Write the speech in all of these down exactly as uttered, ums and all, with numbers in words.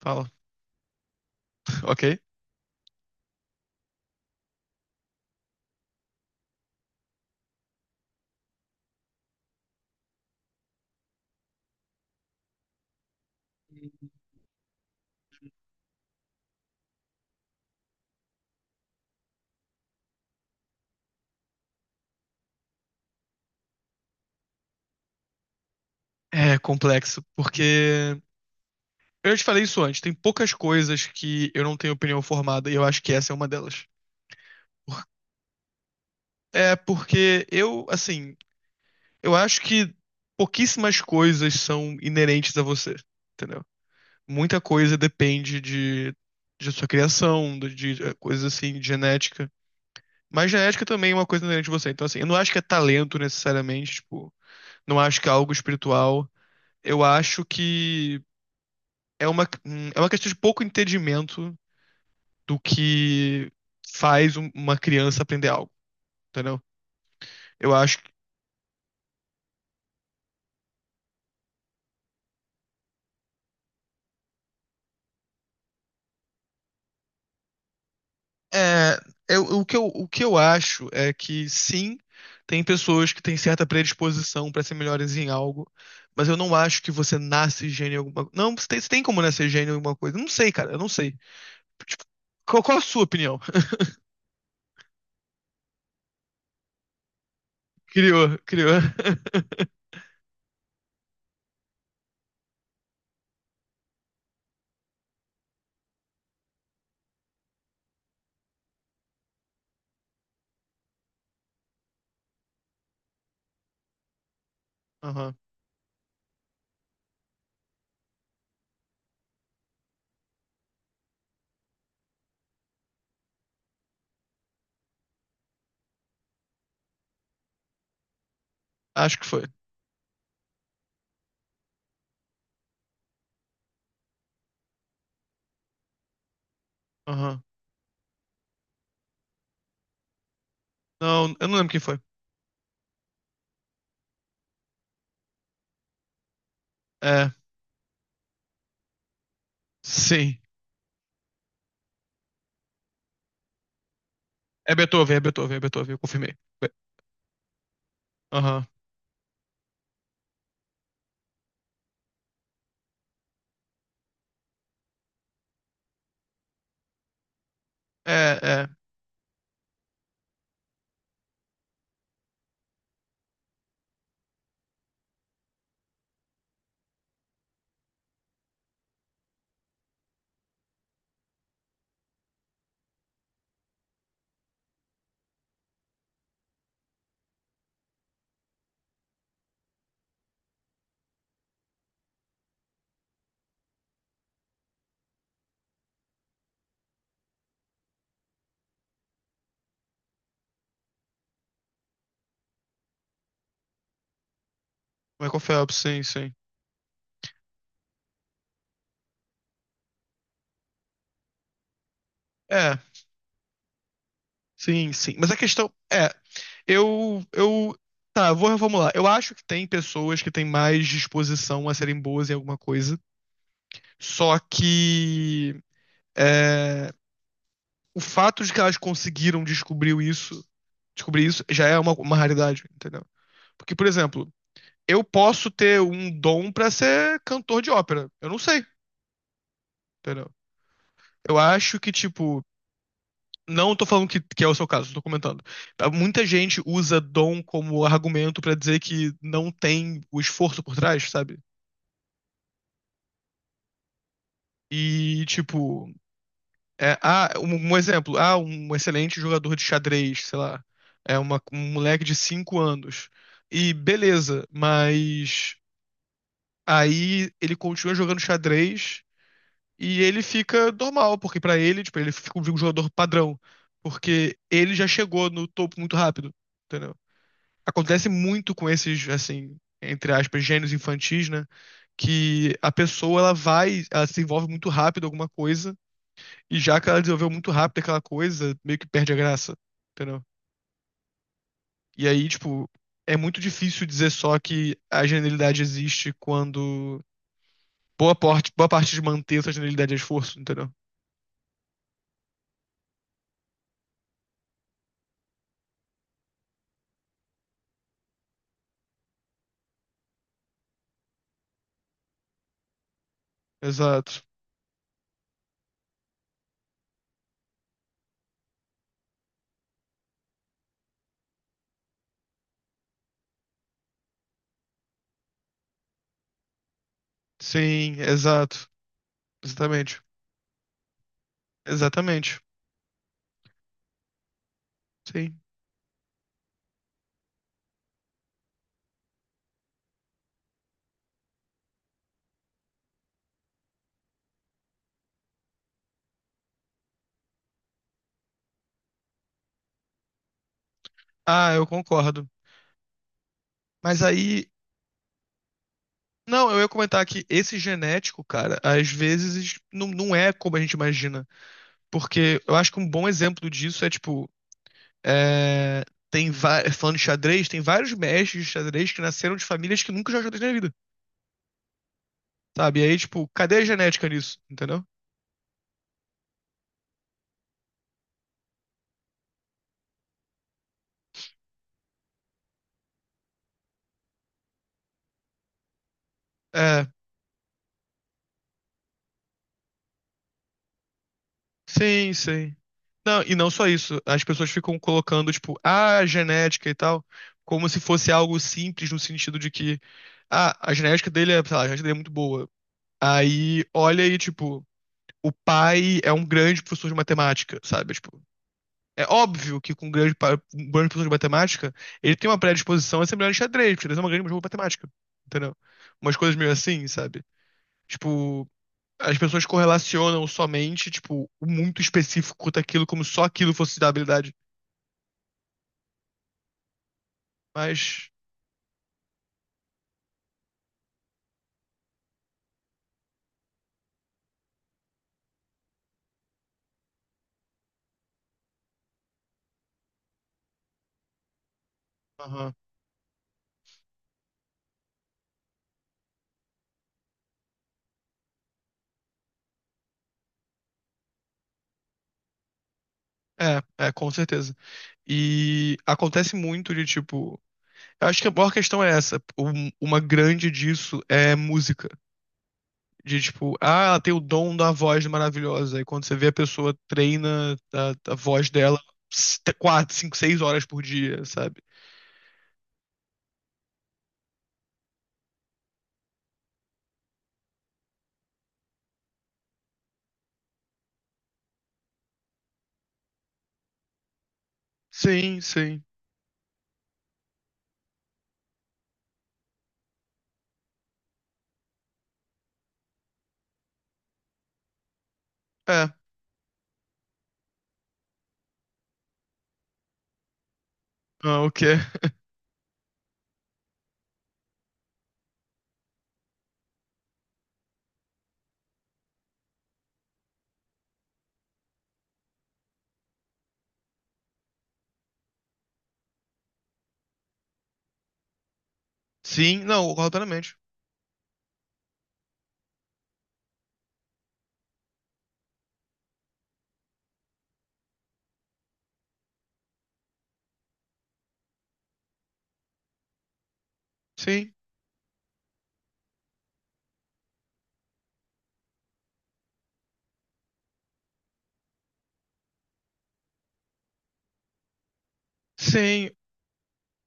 Fala. Ok. É complexo, porque eu já te falei isso antes, tem poucas coisas que eu não tenho opinião formada e eu acho que essa é uma delas. Por- É porque eu, assim, eu acho que pouquíssimas coisas são inerentes a você, entendeu? Muita coisa depende de, de sua criação, de, de eh, coisas assim, de genética. Mas genética também é uma coisa inerente a você. Então, assim, eu não acho que é talento necessariamente, tipo, não acho que é algo espiritual. Eu acho que é uma, hum, é uma questão de pouco entendimento do que faz um- uma criança aprender algo, entendeu? Eu acho que. É, eu- o que eu, o que eu acho é que sim, tem pessoas que têm certa predisposição para ser melhores em algo, mas eu não acho que você nasce gênio em alguma coisa. Não, você tem, você tem como nascer gênio em alguma coisa. Eu não sei, cara, eu não sei. Qual, qual a sua opinião? Criou, criou. Aham, acho que foi. Aham. Não, eu não lembro quem foi. É, sim. É Beethoven, é Beethoven, é Beethoven, eu confirmei. Aham. É, é. Michael Phelps, sim, sim. É, sim, sim. Mas a questão é, eu, eu, tá, vou reformular. Eu acho que tem pessoas que têm mais disposição a serem boas em alguma coisa, só que é, o fato de que elas conseguiram descobrir isso, descobrir isso já é uma, uma raridade, entendeu? Porque, por exemplo, eu posso ter um dom pra ser cantor de ópera. Eu não sei, entendeu? Eu acho que, tipo, não tô falando que, que é o seu caso, tô comentando. Tá, muita gente usa dom como argumento pra dizer que não tem o esforço por trás, sabe? E, tipo, é, ah, um, um exemplo, ah, um excelente jogador de xadrez, sei lá, é uma, um moleque de cinco anos. E beleza, mas aí ele continua jogando xadrez e ele fica normal, porque pra ele, tipo, ele fica um jogador padrão, porque ele já chegou no topo muito rápido, entendeu? Acontece muito com esses, assim, entre aspas, gênios infantis, né? Que a pessoa ela vai, ela se envolve muito rápido em alguma coisa, e já que ela desenvolveu muito rápido aquela coisa, meio que perde a graça, entendeu? E aí, tipo, é muito difícil dizer só que a genialidade existe quando boa parte, boa parte de manter essa genialidade é esforço, entendeu? Exato. Sim, exato. Exatamente. Exatamente. Sim. Ah, eu concordo. Mas aí Não, eu ia comentar que esse genético, cara, às vezes não, não é como a gente imagina. Porque eu acho que um bom exemplo disso é, tipo, é, tem va- falando de xadrez, tem vários mestres de xadrez que nasceram de famílias que nunca jogaram xadrez na vida, sabe? E aí, tipo, cadê a genética nisso, entendeu? É, sim, sim. Não, e não só isso, as pessoas ficam colocando, tipo, "Ah, a genética e tal, como se fosse algo simples, no sentido de que, ah, a genética dele é, sei lá, a genética dele é muito boa. Aí, olha aí, tipo, o pai é um grande professor de matemática, sabe? Tipo, é óbvio que com um grande, pa- um grande professor de matemática, ele tem uma predisposição a ser melhor em xadrez, porque xadrez é uma grande jogo de matemática, entendeu? Umas coisas meio assim, sabe? Tipo, as pessoas correlacionam somente, tipo, o muito específico daquilo, como só aquilo fosse da habilidade. Mas, aham, é, é, com certeza. E acontece muito de, tipo, eu acho que a maior questão é essa. Um- uma grande disso é música. De tipo, ah, ela tem o dom da voz maravilhosa. E quando você vê a pessoa treina a, a voz dela s- quatro, cinco, seis horas por dia, sabe? Sim, sim. É. Ah, o quê? Sim, não, completamente. Sim, sim,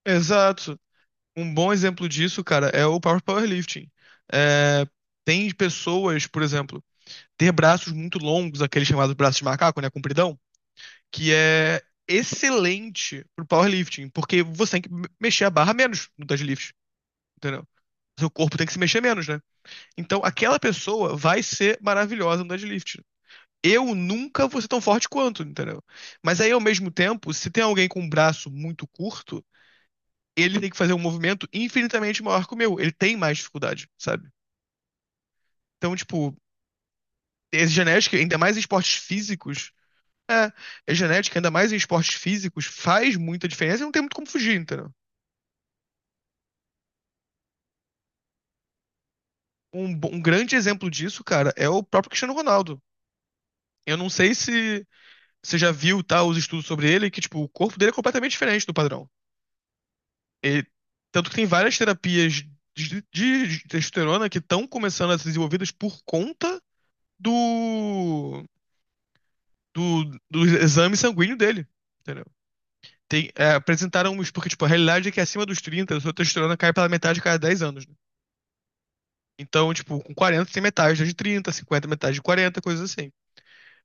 exato. Um bom exemplo disso, cara, é o power powerlifting. É, tem pessoas, por exemplo, ter braços muito longos, aquele chamado braço de macaco, né? Compridão. Que é excelente pro powerlifting, porque você tem que me- mexer a barra menos no deadlift, entendeu? Seu corpo tem que se mexer menos, né? Então, aquela pessoa vai ser maravilhosa no deadlift. Eu nunca vou ser tão forte quanto, entendeu? Mas aí, ao mesmo tempo, se tem alguém com um braço muito curto, ele tem que fazer um movimento infinitamente maior que o meu. Ele tem mais dificuldade, sabe? Então, tipo, é genética, ainda mais em esportes físicos, é, é genética, ainda mais em esportes físicos, faz muita diferença e não tem muito como fugir, entendeu? Um, bo- um grande exemplo disso, cara, é o próprio Cristiano Ronaldo. Eu não sei se você já viu, tá, os estudos sobre ele, que, tipo, o corpo dele é completamente diferente do padrão. Ele, tanto que tem várias terapias de, de testosterona que estão começando a ser desenvolvidas por conta do, do, do exame sanguíneo dele, entendeu? Tem, é, apresentaram isso porque, tipo, a realidade é que acima dos trinta a sua testosterona cai pela metade a cada dez anos, né? Então, tipo, com quarenta tem metade de trinta, cinquenta metade de quarenta, coisas assim.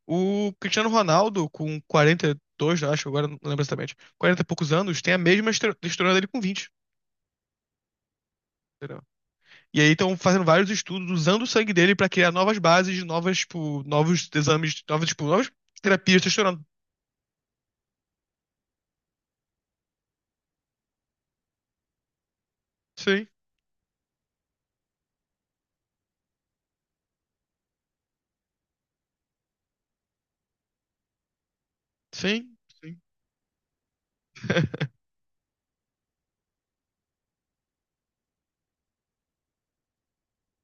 O Cristiano Ronaldo, com quarenta e dois, eu acho, agora não lembro exatamente, quarenta e poucos anos, tem a mesma estro- estrutura dele com vinte. Entendeu? E aí estão fazendo vários estudos usando o sangue dele pra criar novas bases, novas, tipo, novos exames, novas, tipo, novas terapias de testosterona. Sim, sim, sim,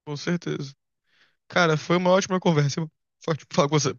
com certeza. Cara, foi uma ótima conversa. Forte falar com você.